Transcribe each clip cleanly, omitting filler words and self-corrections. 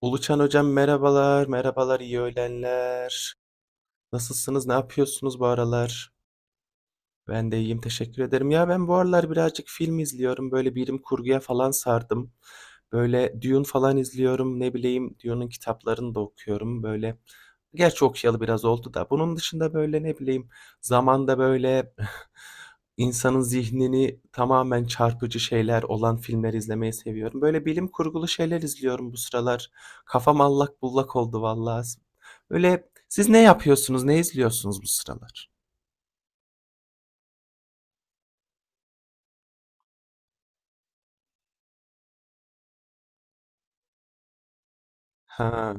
Uluçan hocam, merhabalar, merhabalar, iyi öğlenler. Nasılsınız, ne yapıyorsunuz bu aralar? Ben de iyiyim, teşekkür ederim. Ben bu aralar birazcık film izliyorum. Böyle bilim kurguya falan sardım. Böyle Dune falan izliyorum. Ne bileyim, Dune'un kitaplarını da okuyorum. Böyle gerçi okuyalı biraz oldu da. Bunun dışında böyle ne bileyim zamanda böyle insanın zihnini tamamen çarpıcı şeyler olan filmler izlemeyi seviyorum. Böyle bilim kurgulu şeyler izliyorum bu sıralar. Kafam allak bullak oldu vallahi. Böyle siz ne yapıyorsunuz? Ne izliyorsunuz bu sıralar? Ha.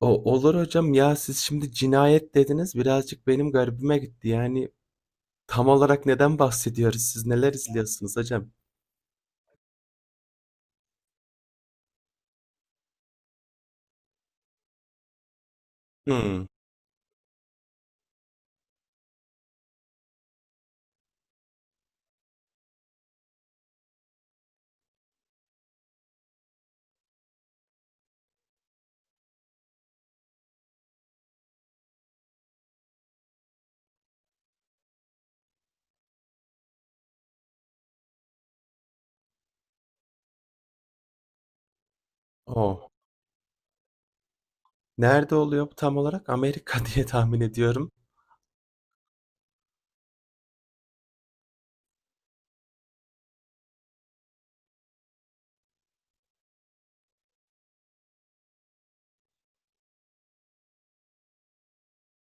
O, olur hocam. Siz şimdi cinayet dediniz, birazcık benim garibime gitti. Yani tam olarak neden bahsediyoruz? Siz neler izliyorsunuz hocam? Hmm. Oh. Nerede oluyor bu tam olarak? Amerika, diye tahmin ediyorum.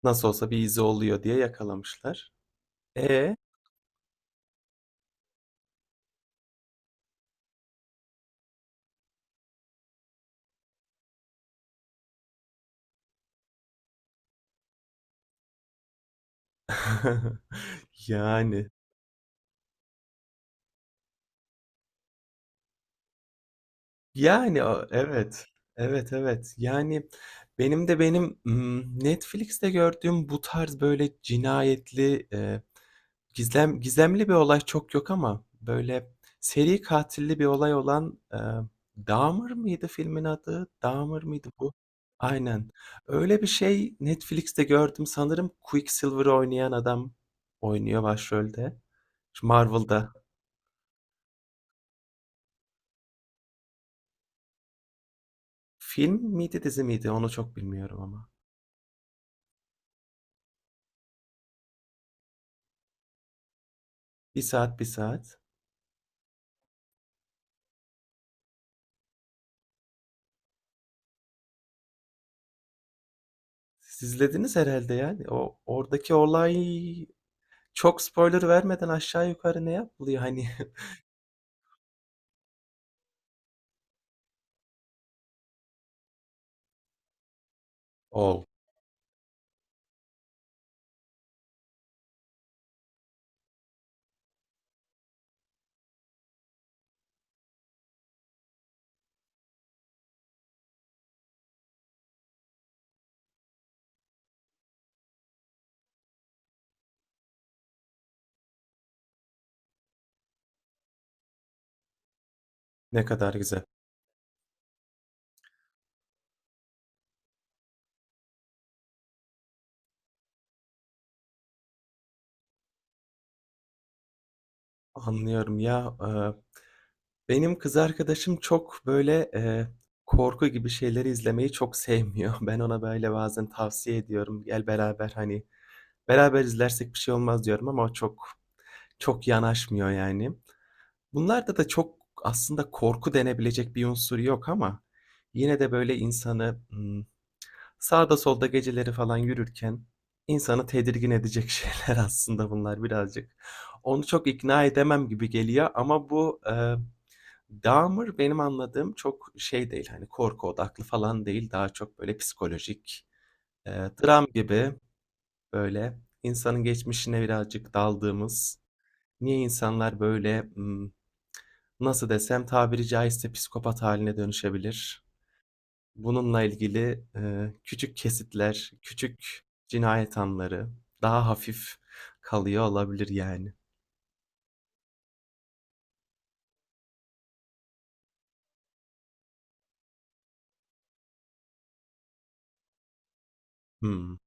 Nasıl olsa bir izi oluyor diye yakalamışlar. E yani, yani, a, evet. Evet, evet. Yani, benim Netflix'te gördüğüm bu tarz böyle cinayetli, gizlem gizemli bir olay çok yok, ama böyle seri katilli bir olay olan, Dahmer mıydı filmin adı? Dahmer mıydı bu? Aynen. Öyle bir şey Netflix'te gördüm. Sanırım Quicksilver oynayan adam oynuyor başrolde. Şu Marvel'da. Film miydi, dizi miydi? Onu çok bilmiyorum ama. Bir saat, bir saat. Siz izlediniz herhâlde yani. O oradaki olay, çok spoiler vermeden, aşağı yukarı ne yapılıyor hani? O, ne kadar güzel. Anlıyorum ya. Benim kız arkadaşım çok böyle, korku gibi şeyleri izlemeyi çok sevmiyor. Ben ona böyle bazen tavsiye ediyorum. Gel beraber, hani beraber izlersek bir şey olmaz diyorum, ama o çok yanaşmıyor yani. Bunlarda da çok aslında korku denebilecek bir unsur yok, ama yine de böyle insanı, sağda solda geceleri falan yürürken insanı tedirgin edecek şeyler aslında bunlar birazcık. Onu çok ikna edemem gibi geliyor, ama bu, Dahmer, benim anladığım, çok şey değil, hani, korku odaklı falan değil, daha çok böyle psikolojik, dram gibi, böyle insanın geçmişine birazcık daldığımız, niye insanlar böyle, nasıl desem, tabiri caizse psikopat haline dönüşebilir. Bununla ilgili, küçük kesitler, küçük cinayet anları, daha hafif kalıyor olabilir yani. Hımm.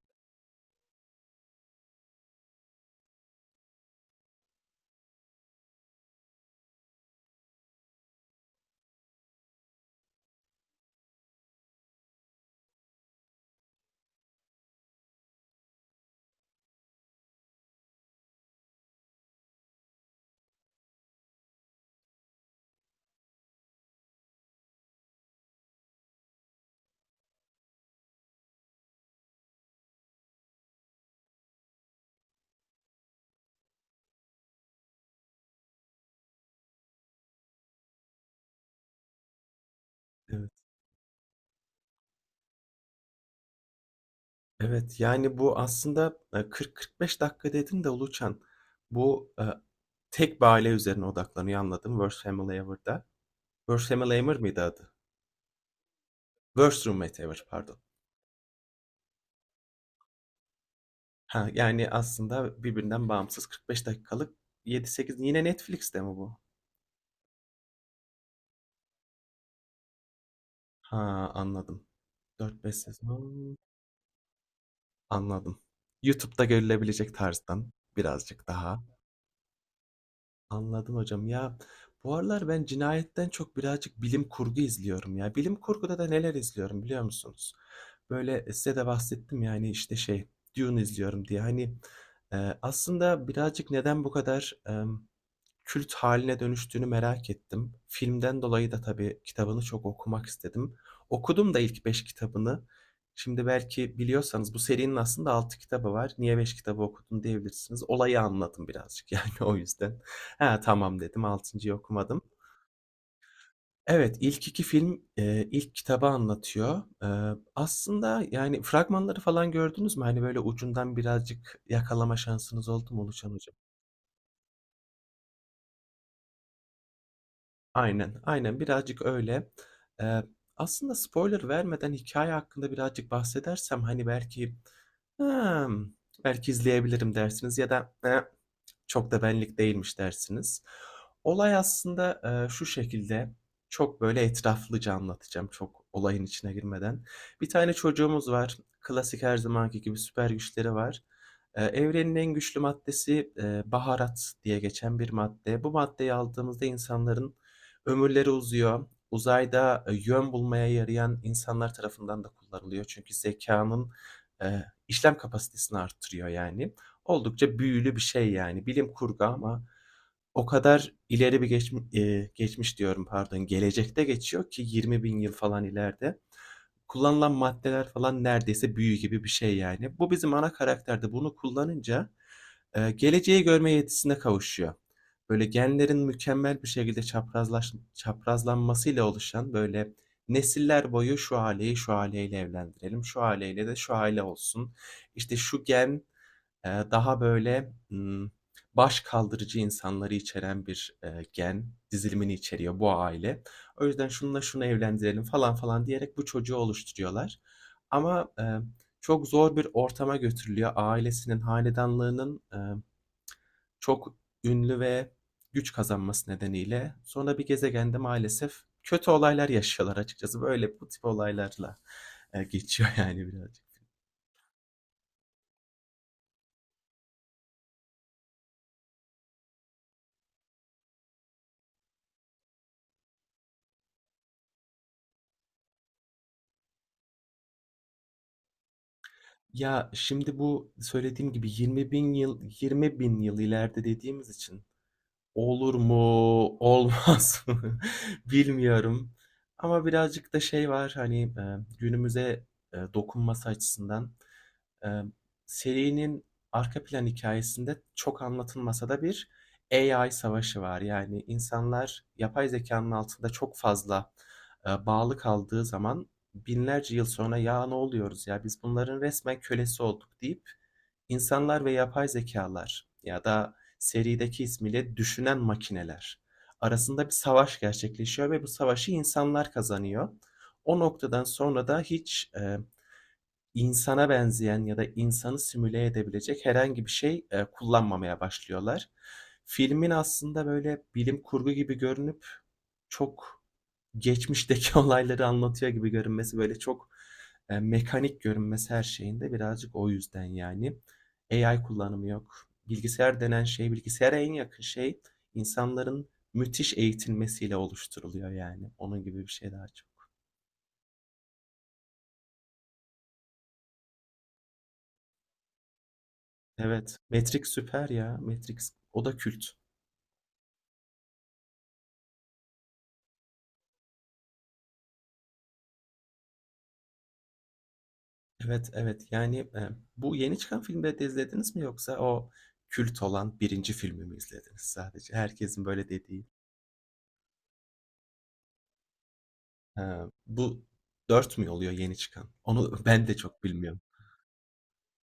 Evet. Evet, yani, bu aslında, 40-45 dakika dedin de Uluçan, bu, tek bir aile üzerine odaklanıyor, anladım, Worst Family Ever'da. Worst Family Ever mıydı adı? Worst Roommate Ever, pardon. Ha, yani, aslında birbirinden bağımsız 45 dakikalık 7-8. Yine Netflix'te mi bu? Ha, anladım. 4-5 sezon, anladım. YouTube'da görülebilecek tarzdan birazcık daha. Anladım hocam. Bu aralar ben cinayetten çok birazcık bilim kurgu izliyorum ya. Bilim kurguda da neler izliyorum biliyor musunuz? Böyle size de bahsettim, yani işte, şey, Dune izliyorum diye. Hani aslında birazcık neden bu kadar kült haline dönüştüğünü merak ettim. Filmden dolayı da tabii kitabını çok okumak istedim. Okudum da ilk 5 kitabını. Şimdi belki biliyorsanız, bu serinin aslında 6 kitabı var. Niye 5 kitabı okudun diyebilirsiniz. Olayı anladım birazcık yani, o yüzden. Ha, tamam dedim. Altıncı'yı okumadım. Evet, ilk 2 film, ilk kitabı anlatıyor. Aslında, yani, fragmanları falan gördünüz mü? Hani böyle ucundan birazcık yakalama şansınız oldu mu Oluşan hocam? Aynen, aynen, birazcık öyle. Eee, aslında spoiler vermeden hikaye hakkında birazcık bahsedersem, hani, belki, hımm, belki izleyebilirim dersiniz ya da "Eh, çok da benlik değilmiş." dersiniz. Olay aslında, şu şekilde, çok böyle etraflıca anlatacağım, çok olayın içine girmeden. Bir tane çocuğumuz var. Klasik, her zamanki gibi süper güçleri var. Evrenin en güçlü maddesi, baharat diye geçen bir madde. Bu maddeyi aldığımızda insanların ömürleri uzuyor. Uzayda, yön bulmaya yarayan insanlar tarafından da kullanılıyor. Çünkü zekanın işlem kapasitesini arttırıyor yani. Oldukça büyülü bir şey yani. Bilim kurgu, ama o kadar ileri bir geçmiş diyorum, pardon, gelecekte geçiyor ki 20.000 yıl falan ileride. Kullanılan maddeler falan neredeyse büyü gibi bir şey yani. Bu bizim ana karakterde bunu kullanınca, geleceği görme yetisine kavuşuyor. Böyle genlerin mükemmel bir şekilde çaprazlanmasıyla oluşan, böyle nesiller boyu, şu aileyi şu aileyle evlendirelim, şu aileyle de şu aile olsun. İşte şu gen, daha böyle, baş kaldırıcı insanları içeren bir gen dizilimini içeriyor bu aile. O yüzden şununla şunu evlendirelim falan falan diyerek bu çocuğu oluşturuyorlar. Ama çok zor bir ortama götürülüyor. Ailesinin, hanedanlığının, çok ünlü ve güç kazanması nedeniyle, sonra bir gezegende maalesef kötü olaylar yaşıyorlar açıkçası. Böyle bu tip olaylarla, geçiyor yani birazcık. Ya, şimdi bu söylediğim gibi 20.000 yıl 20.000 yıl ileride dediğimiz için olur mu, olmaz mı bilmiyorum, ama birazcık da şey var, hani, günümüze dokunması açısından. Ee, serinin arka plan hikayesinde çok anlatılmasa da bir AI savaşı var. Yani insanlar yapay zekanın altında çok fazla bağlı kaldığı zaman, binlerce yıl sonra, ya ne oluyoruz, ya biz bunların resmen kölesi olduk deyip, insanlar ve yapay zekalar ya da serideki ismiyle düşünen makineler arasında bir savaş gerçekleşiyor ve bu savaşı insanlar kazanıyor. O noktadan sonra da hiç insana benzeyen ya da insanı simüle edebilecek herhangi bir şey, kullanmamaya başlıyorlar. Filmin aslında böyle bilim kurgu gibi görünüp, çok geçmişteki olayları anlatıyor gibi görünmesi, böyle çok, mekanik görünmesi her şeyinde, birazcık o yüzden yani. AI kullanımı yok. Bilgisayar denen şey, bilgisayara en yakın şey, insanların müthiş eğitilmesiyle oluşturuluyor yani. Onun gibi bir şey daha çok. Evet. Matrix süper ya. Matrix. O da kült. Evet, evet. Yani, bu yeni çıkan filmleri de izlediniz mi, yoksa o kült olan birinci filmi mi izlediniz sadece? Herkesin böyle dediği. Eee, bu 4 mü oluyor yeni çıkan? Onu ben de çok bilmiyorum.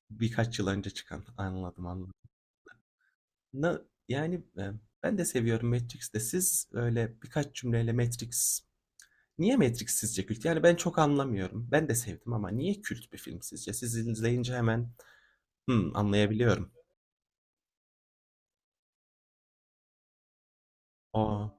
Birkaç yıl önce çıkan. Anladım, anladım. Na, yani, ben de seviyorum Matrix'i. Siz öyle birkaç cümleyle Matrix, niye Matrix sizce kült? Yani ben çok anlamıyorum. Ben de sevdim, ama niye kült bir film sizce? Siz izleyince hemen, anlayabiliyorum. O,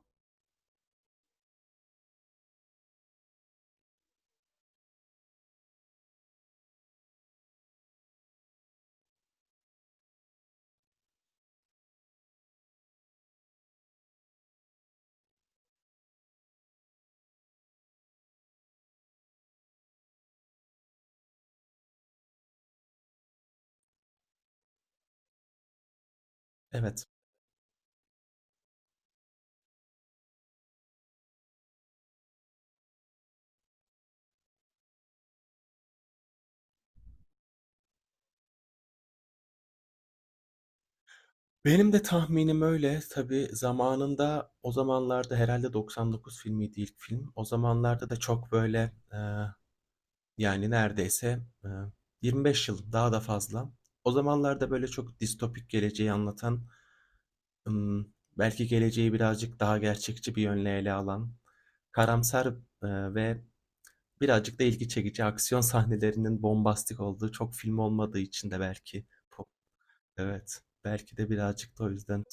evet. Benim de tahminim öyle. Tabii zamanında, o zamanlarda herhâlde 99 filmiydi ilk film. O zamanlarda da çok böyle, yani neredeyse, 25 yıl, daha da fazla. O zamanlarda böyle çok distopik geleceği anlatan, ımm, belki geleceği birazcık daha gerçekçi bir yönle ele alan, karamsar, ve birazcık da ilgi çekici aksiyon sahnelerinin bombastik olduğu çok film olmadığı için de, belki po... Evet, belki de birazcık da o yüzden.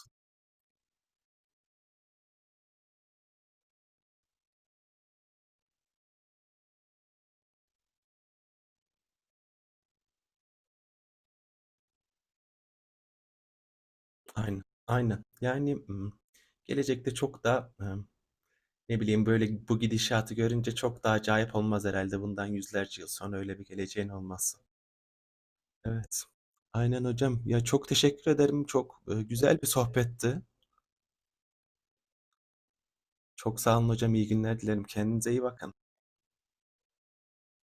Aynen, aynen. Yani, gelecekte çok da, ne bileyim, böyle, bu gidişatı görünce çok da acayip olmaz herhalde. Bundan yüzlerce yıl sonra öyle bir geleceğin olmaz. Evet. Aynen hocam. Ya, çok teşekkür ederim. Çok güzel bir sohbetti. Çok sağ olun hocam. İyi günler dilerim. Kendinize iyi bakın.